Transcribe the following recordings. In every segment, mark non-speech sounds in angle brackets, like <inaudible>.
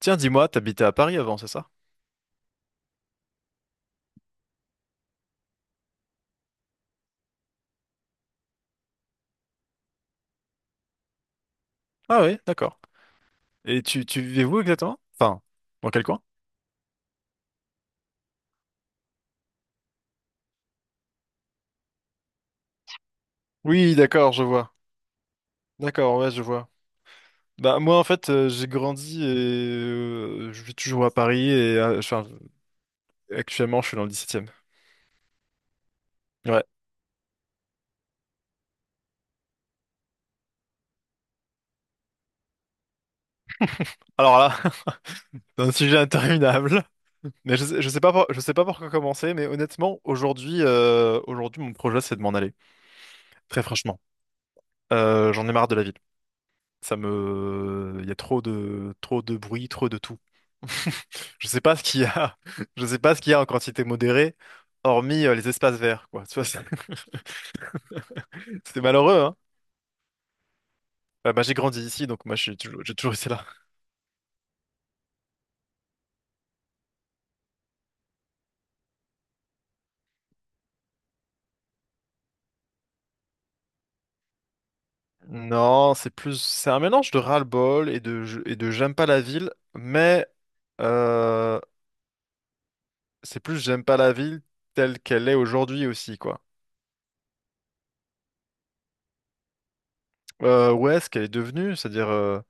Tiens, dis-moi, t'habitais à Paris avant, c'est ça? Ah oui, d'accord. Et tu vivais où exactement? Enfin, dans quel coin? Oui, d'accord, je vois. D'accord, ouais, je vois. Bah moi en fait j'ai grandi et je vis toujours à Paris et enfin, actuellement je suis dans le dix-septième. Ouais. Alors là, <laughs> c'est un sujet interminable. Mais je sais pas, je sais pas par quoi commencer. Mais honnêtement, aujourd'hui, mon projet, c'est de m'en aller. Très franchement, j'en ai marre de la ville. Il y a trop de bruit, trop de tout. <laughs> Je sais pas ce qu'il y a. <laughs> Je sais pas ce qu'il y a en quantité modérée, hormis les espaces verts, quoi. Tu vois, c'est <laughs> c'est malheureux, hein. Bah, j'ai grandi ici, donc moi, j'ai toujours été là. Non, c'est plus, c'est un mélange de ras-le-bol et et de j'aime pas la ville, mais euh, c'est plus j'aime pas la ville telle qu'elle est aujourd'hui aussi, quoi. Ouais, ce qu'elle est devenue, c'est-à-dire,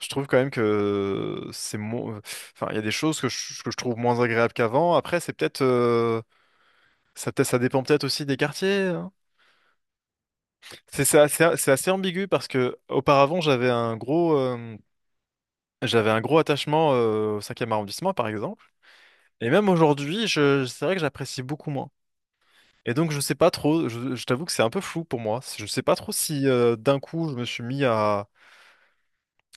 je trouve quand même que c'est moins. Enfin, il y a des choses que je trouve moins agréables qu'avant. Après, c'est peut-être ça, peut ça dépend peut-être aussi des quartiers, hein. C'est assez, c'est assez ambigu parce que auparavant j'avais un gros attachement au cinquième arrondissement par exemple. Et même aujourd'hui, je, c'est vrai que j'apprécie beaucoup moins. Et donc, je sais pas trop, je t'avoue que c'est un peu flou pour moi. Je sais pas trop si d'un coup je me suis mis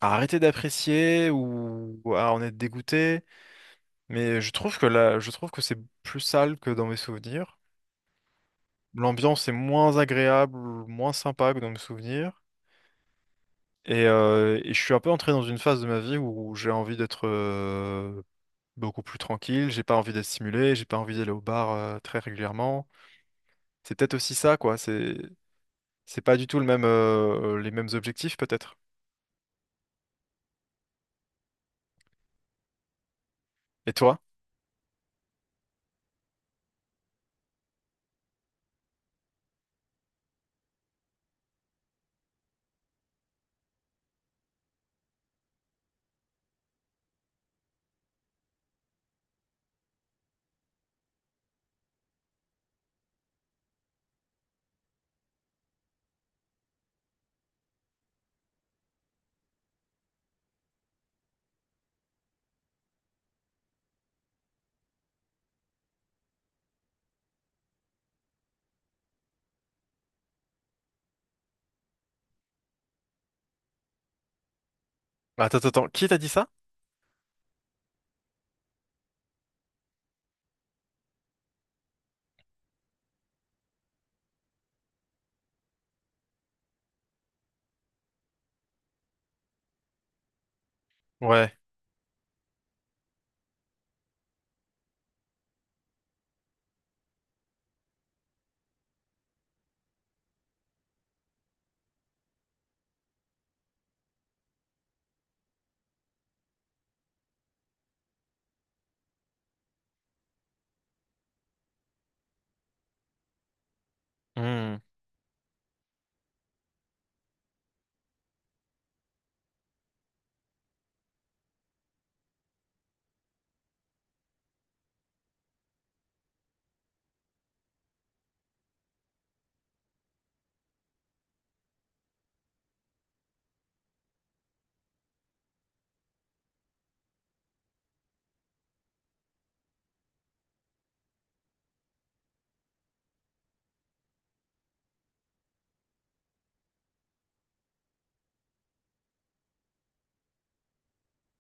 à arrêter d'apprécier ou à en être dégoûté. Mais je trouve que là, je trouve que c'est plus sale que dans mes souvenirs. L'ambiance est moins agréable, moins sympa que dans mes souvenirs. Et je suis un peu entré dans une phase de ma vie où j'ai envie d'être beaucoup plus tranquille, j'ai pas envie d'être stimulé, j'ai pas envie d'aller au bar très régulièrement. C'est peut-être aussi ça, quoi. C'est pas du tout le même les mêmes objectifs peut-être. Et toi? Attends, attends, attends. Qui t'a dit ça? Ouais. Hmm.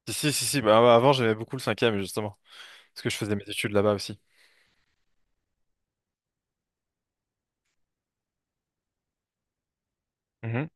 Si, si, si, si. Bah, avant, j'aimais beaucoup le cinquième, justement. Parce que je faisais mes études là-bas aussi. Mhm.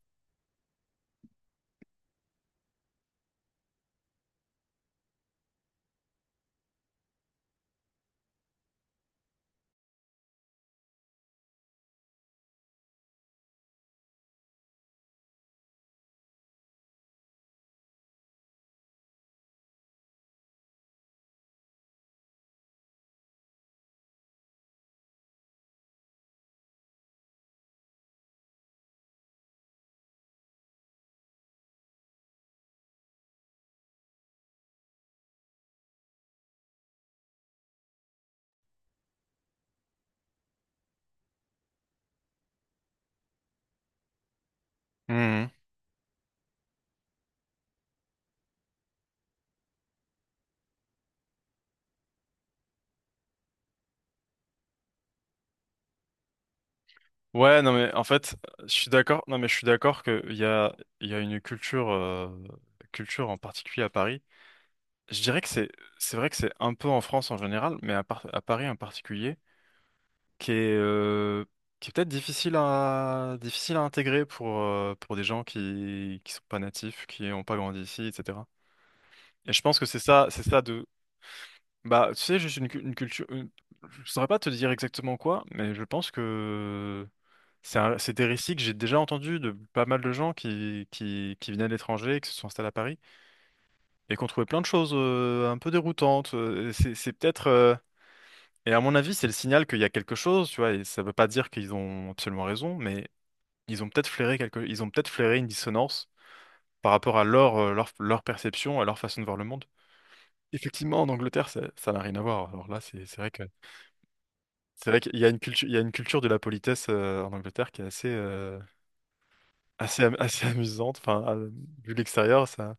Mhm. Ouais, non, mais en fait, je suis d'accord. Non, mais je suis d'accord qu'il y a, il y a une culture, culture en particulier à Paris. Je dirais que c'est vrai que c'est un peu en France en général, mais à Paris en particulier, qui est, euh, qui est peut-être difficile à, difficile à intégrer pour des gens qui sont pas natifs, qui n'ont pas grandi ici, etc. Et je pense que c'est ça, c'est ça. Bah, tu sais, juste une culture, une. Je saurais pas te dire exactement quoi, mais je pense que c'est des récits que j'ai déjà entendus de pas mal de gens qui venaient de l'étranger, et qui se sont installés à Paris, et qui ont trouvé plein de choses un peu déroutantes, c'est peut-être, euh. Et à mon avis, c'est le signal qu'il y a quelque chose, tu vois, et ça veut pas dire qu'ils ont absolument raison, mais ils ont peut-être flairé quelque... ils ont peut-être flairé une dissonance par rapport à leur, leur, leur perception, à leur façon de voir le monde. Effectivement, en Angleterre, ça ça n'a rien à voir. Alors là, c'est vrai que. C'est vrai qu'il y a une culture, il y a une culture de la politesse en Angleterre qui est assez, assez, <laughs> assez amusante. Enfin, vu l'extérieur, ça.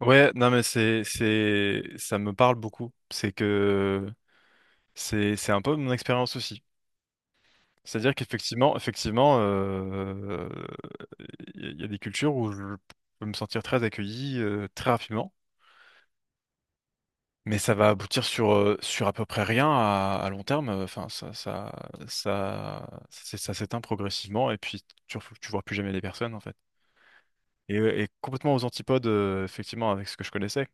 Ouais, non, mais c'est, ça me parle beaucoup. C'est que c'est un peu mon expérience aussi. C'est-à-dire qu'effectivement, effectivement, il y a des cultures où je peux me sentir très accueilli très rapidement. Mais ça va aboutir sur, sur à peu près rien à, à long terme. Enfin, ça, ça s'éteint progressivement et puis tu vois plus jamais les personnes en fait. Et complètement aux antipodes, effectivement, avec ce que je connaissais.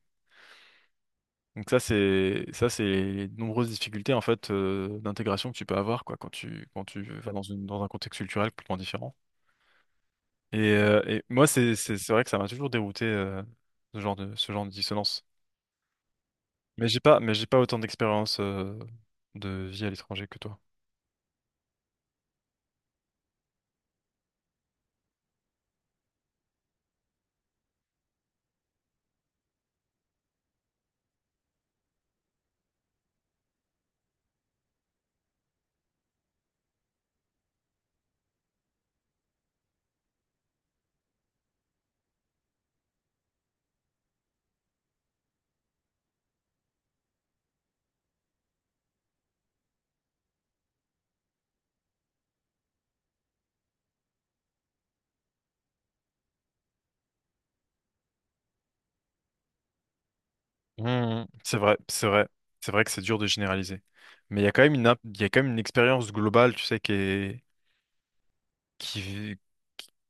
Donc ça, c'est les nombreuses difficultés en fait d'intégration que tu peux avoir quoi quand tu vas dans une dans un contexte culturel complètement différent. Et moi, c'est c'est vrai que ça m'a toujours dérouté ce genre de dissonance. Mais j'ai pas autant d'expérience de vie à l'étranger que toi. Mhm. C'est vrai, c'est vrai. C'est vrai que c'est dur de généraliser. Mais il y a quand même il y a quand même une expérience globale, tu sais, qui est, qui,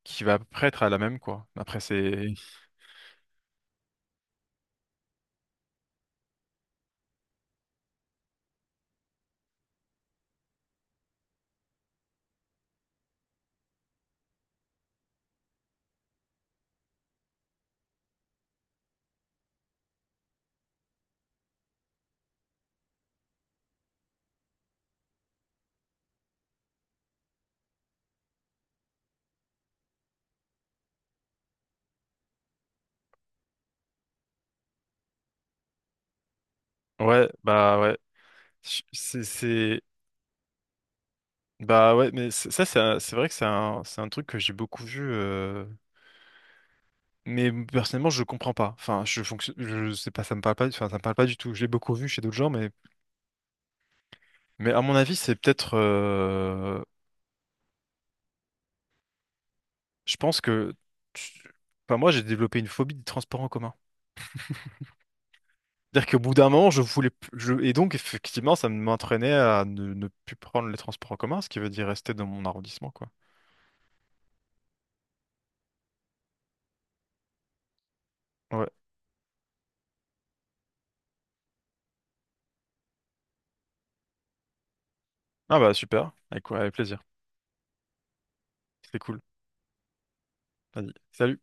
qui va à peu près être à la même, quoi. Après, c'est... Ouais, bah ouais. C'est... Bah ouais, mais ça, c'est vrai que c'est un truc que j'ai beaucoup vu, euh. Mais personnellement, je comprends pas. Enfin, je fonctionne, je sais pas, ça me parle pas, enfin, ça me parle pas du tout. Je l'ai beaucoup vu chez d'autres gens, mais à mon avis, c'est peut-être, je pense que, tu- enfin, moi, j'ai développé une phobie des transports en commun. C'est-à-dire qu'au bout d'un moment, je voulais, plus- je, et donc, effectivement, ça m'entraînait à ne plus prendre les transports en commun, ce qui veut dire rester dans mon arrondissement, quoi. Ouais. Ah bah, super. Avec, ouais, avec plaisir. C'était cool. Vas-y. Salut.